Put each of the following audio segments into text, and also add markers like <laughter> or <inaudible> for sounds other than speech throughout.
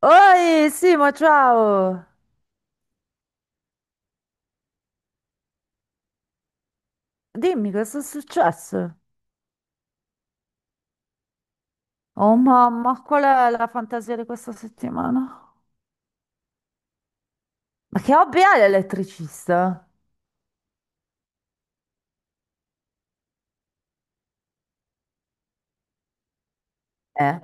Oi, Simo, ciao! Dimmi cosa è successo? Oh mamma, qual è la fantasia di questa settimana? Ma che hobby è l'elettricista? Eh,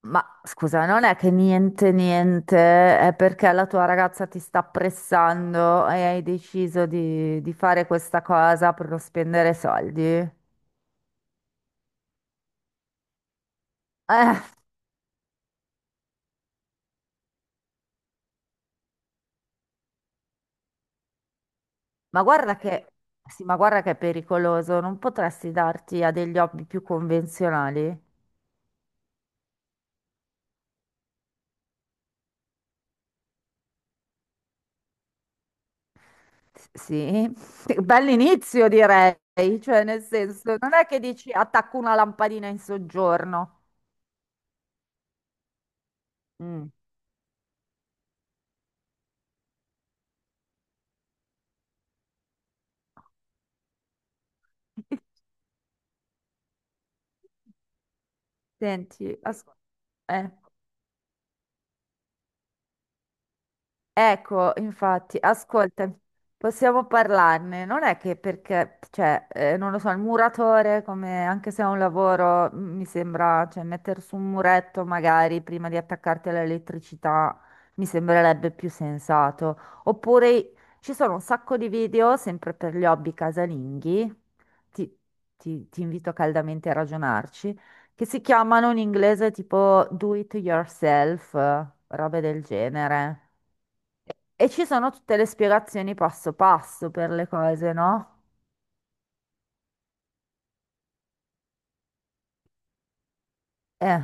ma scusa, non è che niente, niente, è perché la tua ragazza ti sta pressando e hai deciso di fare questa cosa per non spendere soldi? Ma guarda che, sì, ma guarda che è pericoloso, non potresti darti a degli hobby più convenzionali? Sì, <laughs> bell'inizio direi, cioè nel senso, non è che dici attacco una lampadina in soggiorno. Mm. <laughs> Senti, ascolta. Ecco, infatti, ascolta, possiamo parlarne. Non è che perché, cioè, non lo so, il muratore, come, anche se è un lavoro, mi sembra, cioè, mettere su un muretto magari prima di attaccarti all'elettricità mi sembrerebbe più sensato. Oppure ci sono un sacco di video, sempre per gli hobby casalinghi, ti, ti invito caldamente a ragionarci, che si chiamano in inglese tipo do it yourself, robe del genere. E ci sono tutte le spiegazioni passo passo per le cose, no? Eh,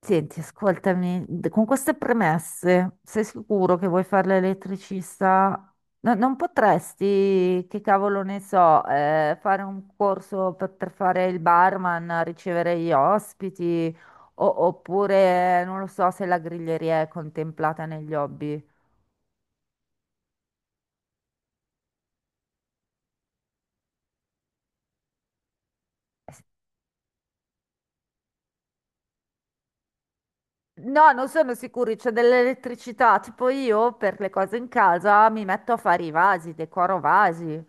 senti, ascoltami, con queste premesse, sei sicuro che vuoi fare l'elettricista? Non potresti, che cavolo ne so, fare un corso per fare il barman, ricevere gli ospiti, oppure, non lo so, se la griglieria è contemplata negli hobby. No, non sono sicuri, c'è dell'elettricità, tipo io per le cose in casa mi metto a fare i vasi, decoro vasi.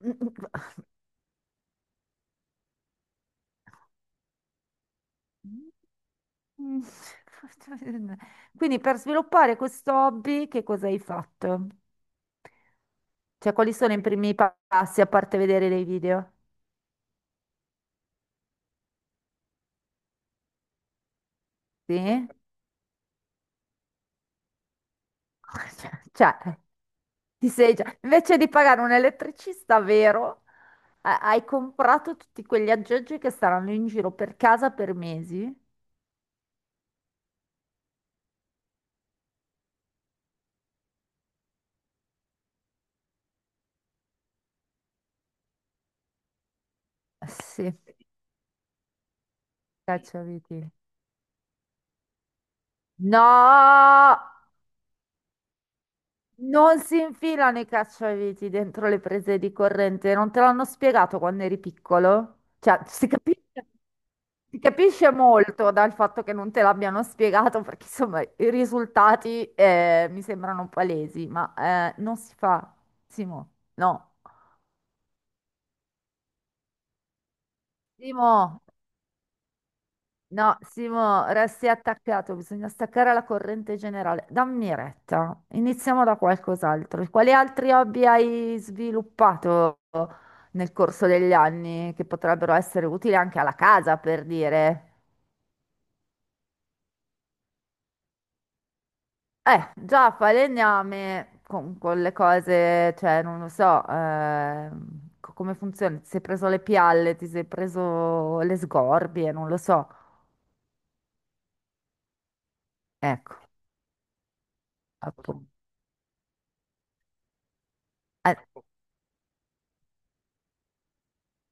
<laughs> Quindi per sviluppare questo hobby, che cosa hai fatto? Cioè, quali sono i primi passi a parte vedere dei video? Sì? <laughs> Cioè, ti sei già... Invece di pagare un elettricista vero, hai comprato tutti quegli aggeggi che staranno in giro per casa per mesi? Sì, cacciaviti. No, non si infilano i cacciaviti dentro le prese di corrente. Non te l'hanno spiegato quando eri piccolo? Cioè, si capisce molto dal fatto che non te l'abbiano spiegato, perché insomma i risultati mi sembrano palesi, ma non si fa. Simo, no. Simo. No, Simo, resti attaccato, bisogna staccare la corrente generale. Dammi retta, iniziamo da qualcos'altro. Quali altri hobby hai sviluppato nel corso degli anni che potrebbero essere utili anche alla casa, per dire? Già, falegname con le cose, cioè, non lo so, come funziona? Ti sei preso le pialle, ti sei preso le sgorbie, non lo so. Ecco, appunto. Eh,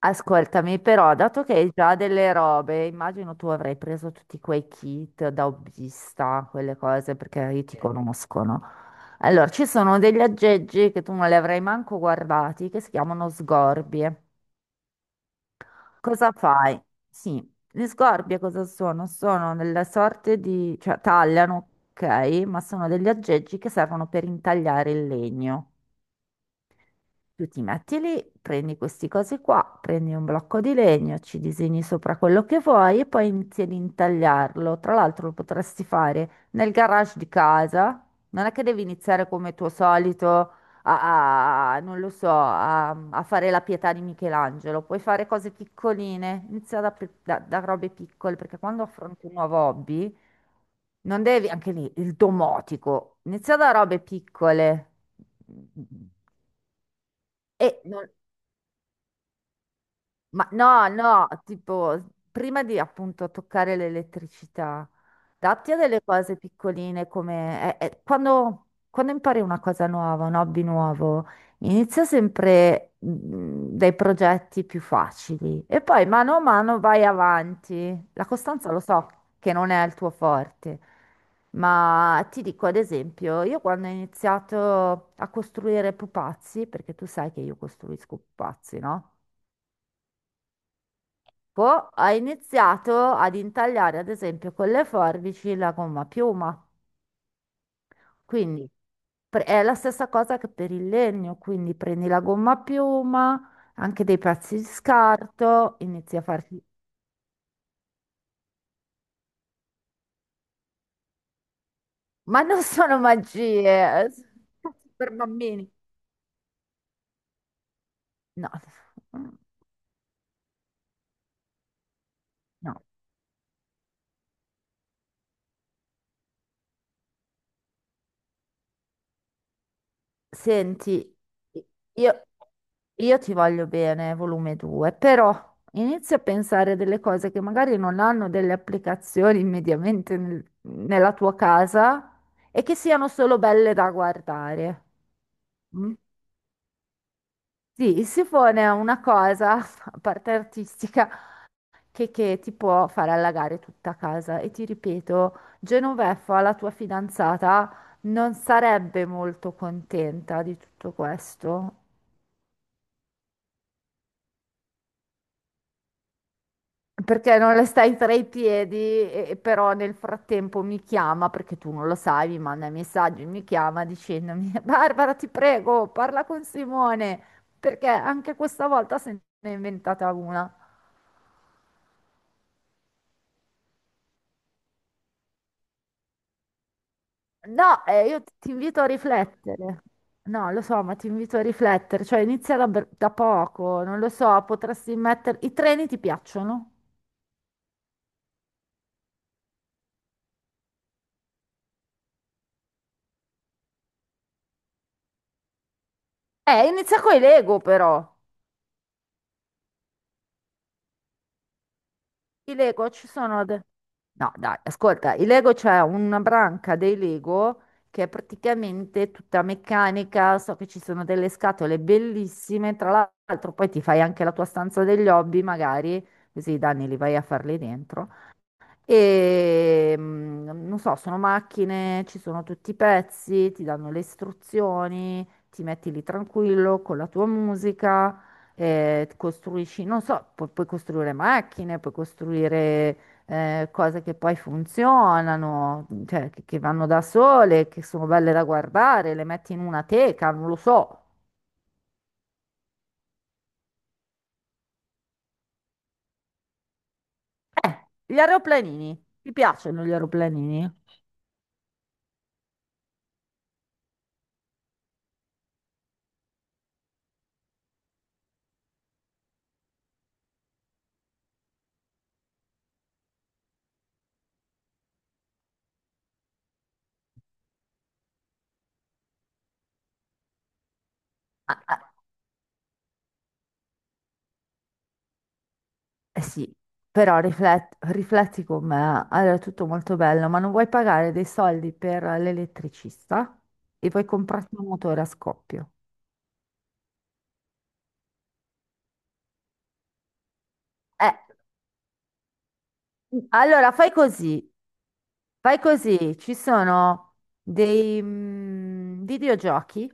Ascoltami, però, dato che hai già delle robe, immagino tu avrai preso tutti quei kit da hobbista, quelle cose, perché io ti conosco, no? Allora, ci sono degli aggeggi che tu non li avrai manco guardati, che si chiamano sgorbie. Cosa fai? Sì, le sgorbie cosa sono? Sono delle sorte di... cioè tagliano, ok, ma sono degli aggeggi che servono per intagliare il legno. Tu ti metti lì, prendi questi cosi qua, prendi un blocco di legno, ci disegni sopra quello che vuoi e poi inizi ad intagliarlo. Tra l'altro lo potresti fare nel garage di casa. Non è che devi iniziare come tuo solito a, non lo so, a, a fare la pietà di Michelangelo. Puoi fare cose piccoline, inizia da, da robe piccole, perché quando affronti un nuovo hobby, non devi, anche lì, il domotico, inizia da robe piccole. E non- Ma no, no, tipo, prima di appunto toccare l'elettricità, datti a delle cose piccoline come... quando, quando impari una cosa nuova, un hobby nuovo, inizia sempre dai progetti più facili e poi mano a mano vai avanti. La costanza lo so che non è il tuo forte, ma ti dico ad esempio, io quando ho iniziato a costruire pupazzi, perché tu sai che io costruisco pupazzi, no? Poi ha iniziato ad intagliare, ad esempio, con le forbici la gomma a piuma. Quindi è la stessa cosa che per il legno, quindi prendi la gomma a piuma, anche dei pezzi di scarto, inizi a farti... <laughs> Ma non sono magie, sono per bambini. No, no. Senti, io, io ti voglio bene, volume 2, però inizio a pensare delle cose che magari non hanno delle applicazioni immediatamente nella tua casa e che siano solo belle da guardare. Mm? Sì, il sifone è una cosa, <laughs> a parte artistica, che ti può far allagare tutta casa. E ti ripeto, Genoveffa, la tua fidanzata, non sarebbe molto contenta di tutto questo. Perché non le stai tra i piedi, e però nel frattempo mi chiama, perché tu non lo sai, mi manda i messaggi, mi chiama dicendomi: <laughs> Barbara, ti prego, parla con Simone, perché anche questa volta se ne è inventata una. No, io ti invito a riflettere. No, lo so, ma ti invito a riflettere, cioè inizia da, da poco, non lo so, potresti mettere... I treni ti piacciono? Inizia con i Lego però. I Lego ci sono... No, dai, ascolta, il Lego c'è una branca dei Lego che è praticamente tutta meccanica, so che ci sono delle scatole bellissime, tra l'altro poi ti fai anche la tua stanza degli hobby magari, così i danni li vai a farli dentro. E non so, sono macchine, ci sono tutti i pezzi, ti danno le istruzioni, ti metti lì tranquillo con la tua musica, costruisci, non so, puoi costruire macchine, puoi costruire cose che poi funzionano, cioè che vanno da sole, che sono belle da guardare, le metti in una teca, non lo so. Gli aeroplanini, ti piacciono gli aeroplanini? Eh sì, però rifletti con me, allora è tutto molto bello, ma non vuoi pagare dei soldi per l'elettricista e vuoi comprarti un motore a scoppio. Eh, allora fai così, ci sono dei videogiochi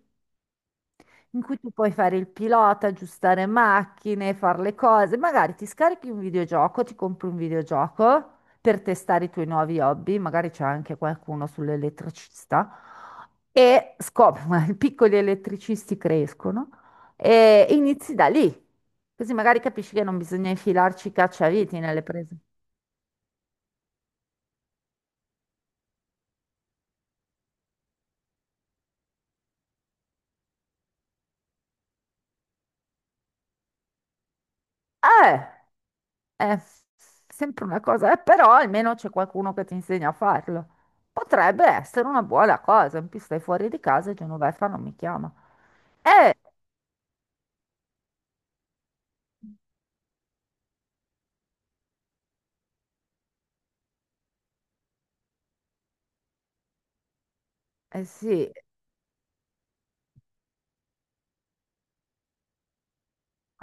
in cui tu puoi fare il pilota, aggiustare macchine, fare le cose. Magari ti scarichi un videogioco, ti compri un videogioco per testare i tuoi nuovi hobby, magari c'è anche qualcuno sull'elettricista e scopri, <laughs> ma i piccoli elettricisti crescono e inizi da lì. Così magari capisci che non bisogna infilarci i cacciaviti nelle prese. Eh! È sempre una cosa, però almeno c'è qualcuno che ti insegna a farlo. Potrebbe essere una buona cosa, in più stai fuori di casa e Genoveffa non mi chiama. Eh, eh sì,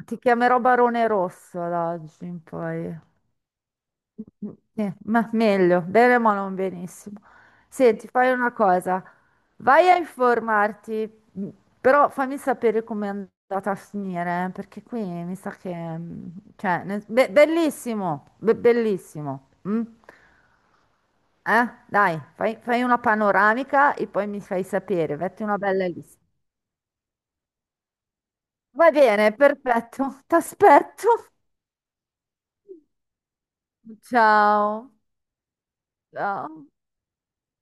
ti chiamerò Barone Rosso da oggi in poi. Sì, ma meglio, bene ma non benissimo. Senti, fai una cosa, vai a informarti, però fammi sapere come è andata a finire, perché qui mi sa che... cioè, bellissimo, bellissimo. Mm? Eh? Dai, fai, fai una panoramica e poi mi fai sapere, metti una bella lista. Va bene, perfetto, <laughs> ti aspetto. Ciao. Ciao.